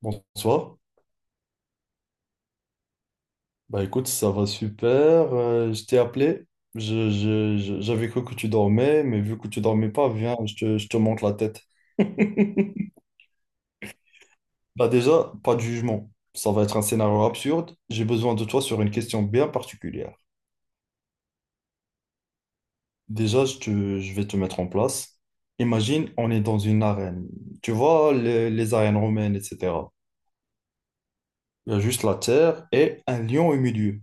Bonsoir. Bah écoute, ça va super. Je t'ai appelé. J'avais cru que tu dormais, mais vu que tu dormais pas, viens, je te montre la tête. Bah déjà, pas de jugement. Ça va être un scénario absurde. J'ai besoin de toi sur une question bien particulière. Déjà, je vais te mettre en place. Imagine, on est dans une arène. Tu vois, les arènes romaines, etc. Il y a juste la terre et un lion au milieu.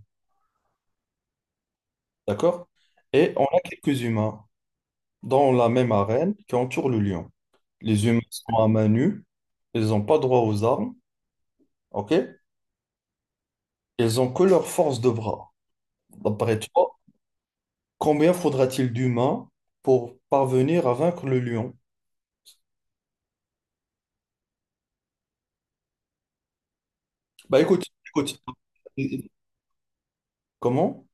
D'accord? Et on a quelques humains dans la même arène qui entourent le lion. Les humains sont à main nue. Ils n'ont pas droit aux armes. OK? Ils ont que leur force de bras. D'après toi, combien faudra-t-il d'humains pour parvenir à vaincre le lion? Bah écoute, écoute. Comment?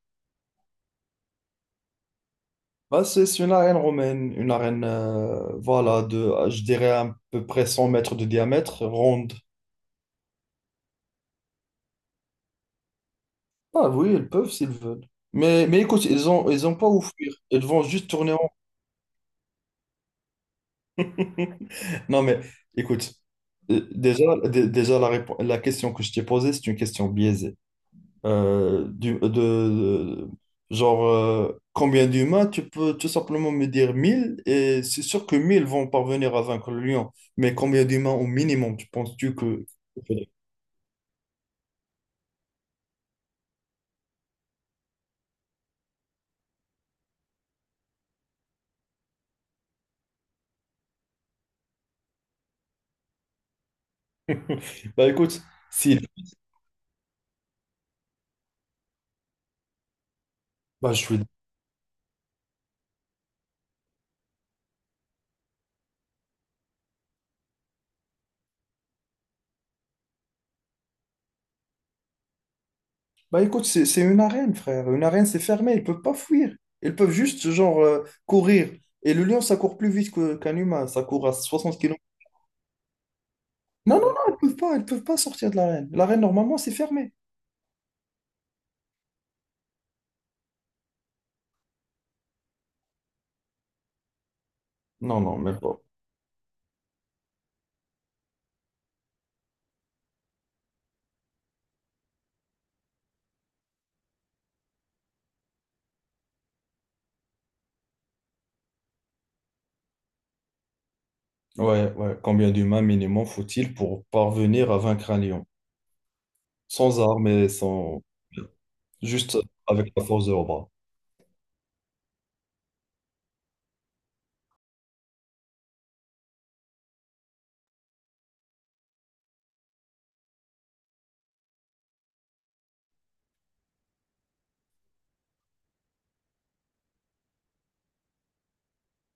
Bah, c'est une arène romaine, une arène, voilà, je dirais, à peu près 100 mètres de diamètre, ronde. Ah oui, ils peuvent s'ils veulent. Mais écoute, ils ont pas où fuir. Ils vont juste tourner en rond. Non, mais écoute, déjà, la question que je t'ai posée, c'est une question biaisée. Euh, du, de, de- genre, combien d'humains? Tu peux tout simplement me dire 1000 et c'est sûr que 1000 vont parvenir à vaincre le lion. Mais combien d'humains au minimum, tu penses-tu que... Bah écoute, si... Bah, je suis... bah écoute, c'est une arène, frère. Une arène, c'est fermé. Ils peuvent pas fuir. Ils peuvent juste, genre, courir. Et le lion, ça court plus vite qu'un humain. Ça court à 60 kilomètres. Non, non, non, elles peuvent pas sortir de l'arène. L'arène, normalement, c'est fermé. Non, non, même pas. Ouais, ouais. Combien d'humains minimum faut-il pour parvenir à vaincre un lion? Sans armes et sans... Juste avec la force de leurs bras.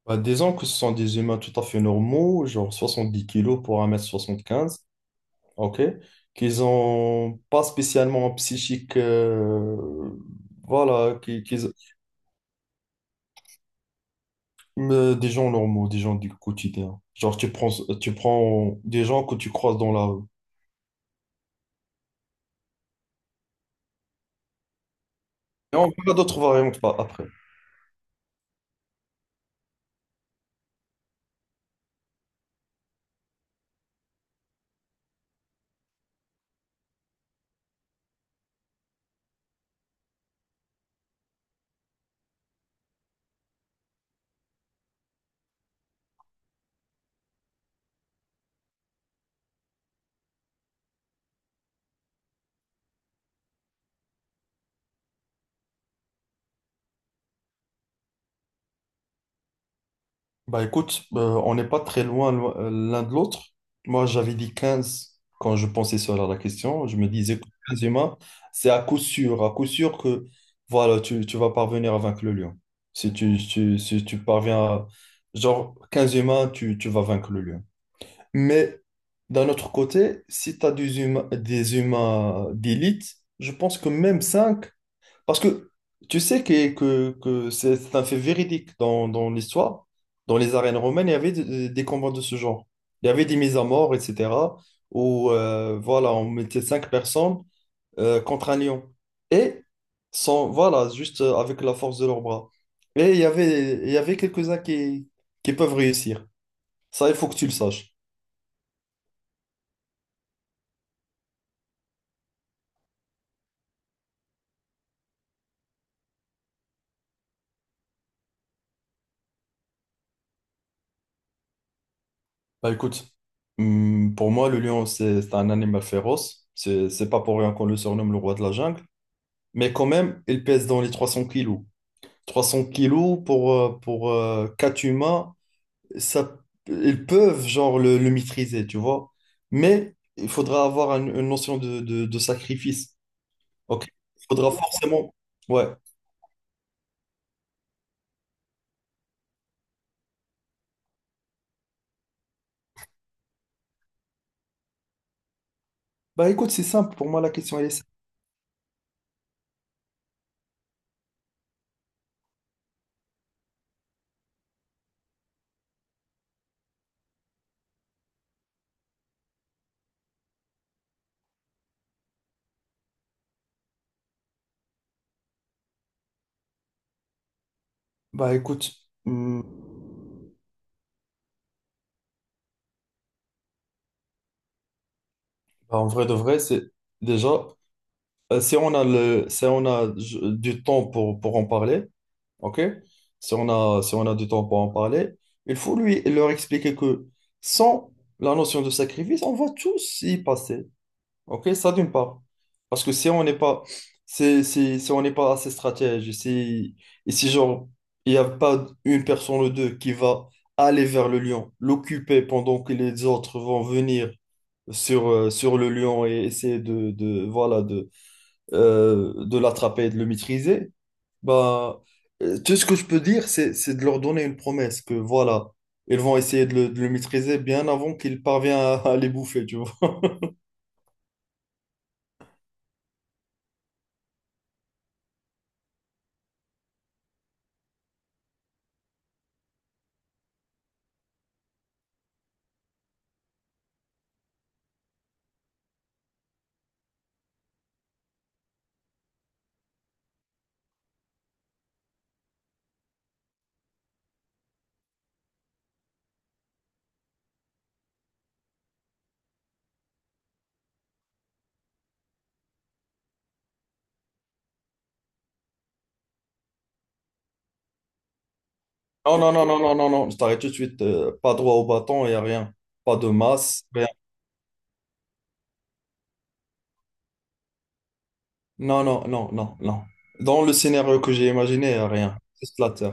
Bah, disons que ce sont des humains tout à fait normaux, genre 70 kilos pour un mètre soixante-quinze. OK? Qu'ils ont pas spécialement un psychique, voilà, mais des gens normaux, des gens du quotidien. Genre, tu prends des gens que tu croises dans la rue. Et on verra d'autres variantes après. Bah écoute, on n'est pas très loin l'un de l'autre. Moi, j'avais dit 15 quand je pensais sur la question. Je me disais que 15 humains, c'est à coup sûr que voilà, tu vas parvenir à vaincre le lion. Si si tu parviens à... Genre, 15 humains, tu vas vaincre le lion. Mais d'un autre côté, si tu as des humains d'élite, je pense que même 5. Parce que tu sais que c'est un fait véridique dans l'histoire. Dans les arènes romaines, il y avait des combats de ce genre. Il y avait des mises à mort, etc. Où voilà, on mettait cinq personnes contre un lion. Et sans, voilà, juste avec la force de leurs bras. Il y avait quelques-uns qui peuvent réussir. Ça, il faut que tu le saches. Bah écoute, pour moi, le lion, c'est un animal féroce. C'est pas pour rien qu'on le surnomme le roi de la jungle. Mais quand même, il pèse dans les 300 kilos. 300 kilos pour quatre humains, ça, ils peuvent genre le maîtriser, tu vois. Mais il faudra avoir une notion de sacrifice. Ok. Il faudra forcément. Ouais. Bah écoute, c'est simple. Pour moi, la question, elle est simple. Bah écoute, hum, bah, en vrai de vrai, c'est déjà. Si on a si on a du temps pour en parler, ok? Si on a du temps pour en parler, il faut lui leur expliquer que sans la notion de sacrifice, on va tous y passer, ok? Ça d'une part. Parce que si on n'est pas assez stratège, et si genre, il n'y a pas une personne ou deux qui va aller vers le lion, l'occuper pendant que les autres vont venir sur le lion et essayer de voilà, de l'attraper et de le maîtriser, bah, tout ce que je peux dire, c'est de leur donner une promesse que voilà, ils vont essayer de de le maîtriser bien avant qu'il parvient à les bouffer, tu vois. Non, non, non, non, non, non, non, je t'arrête tout de suite. Pas droit au bâton, il n'y a rien. Pas de masse. Non, non, non, non, non. Dans le scénario que j'ai imaginé, rien. C'est Splatter.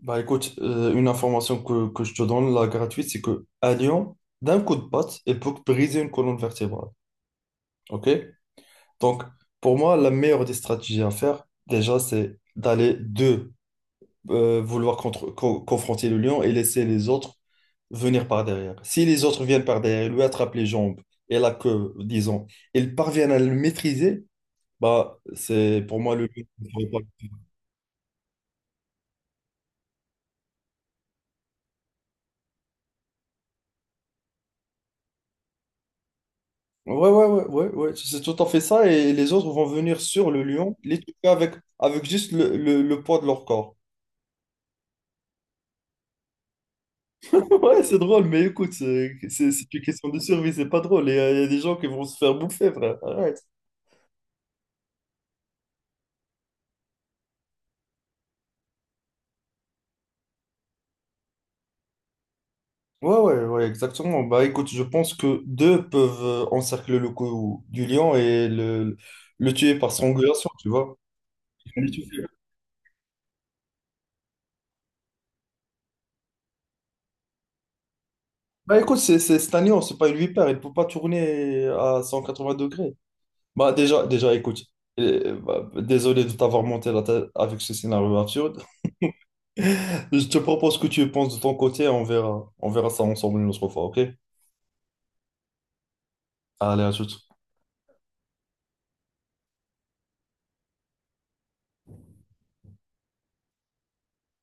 Bah écoute, une information que je te donne, la gratuite, c'est que à Lyon, d'un coup de patte, il peut briser une colonne vertébrale. OK? Donc, pour moi, la meilleure des stratégies à faire, déjà, c'est d'aller de vouloir confronter le lion et laisser les autres venir par derrière. Si les autres viennent par derrière, lui attrape les jambes et la queue, disons, ils parviennent à le maîtriser, bah, c'est pour moi le lion ne pourrait pas le faire. Ouais, ouais, ouais, ouais, ouais, c'est tout à fait ça. Et les autres vont venir sur le lion, les toucher avec juste le poids de leur corps. Ouais, c'est drôle, mais écoute, c'est une question de survie, c'est pas drôle. Il y a des gens qui vont se faire bouffer, frère. Arrête. Ouais, ouais, ouais, exactement. Bah écoute, je pense que deux peuvent encercler le cou du lion et le tuer par strangulation, tu vois. Ils vont l'étouffer. Bah écoute, c'est un lion, c'est pas une vipère, il ne peut pas tourner à 180 degrés. Bah déjà, déjà écoute, bah, désolé de t'avoir monté la tête avec ce scénario absurde. Je te propose que tu y penses de ton côté, on verra ça ensemble une autre fois, ok? Allez, à tout.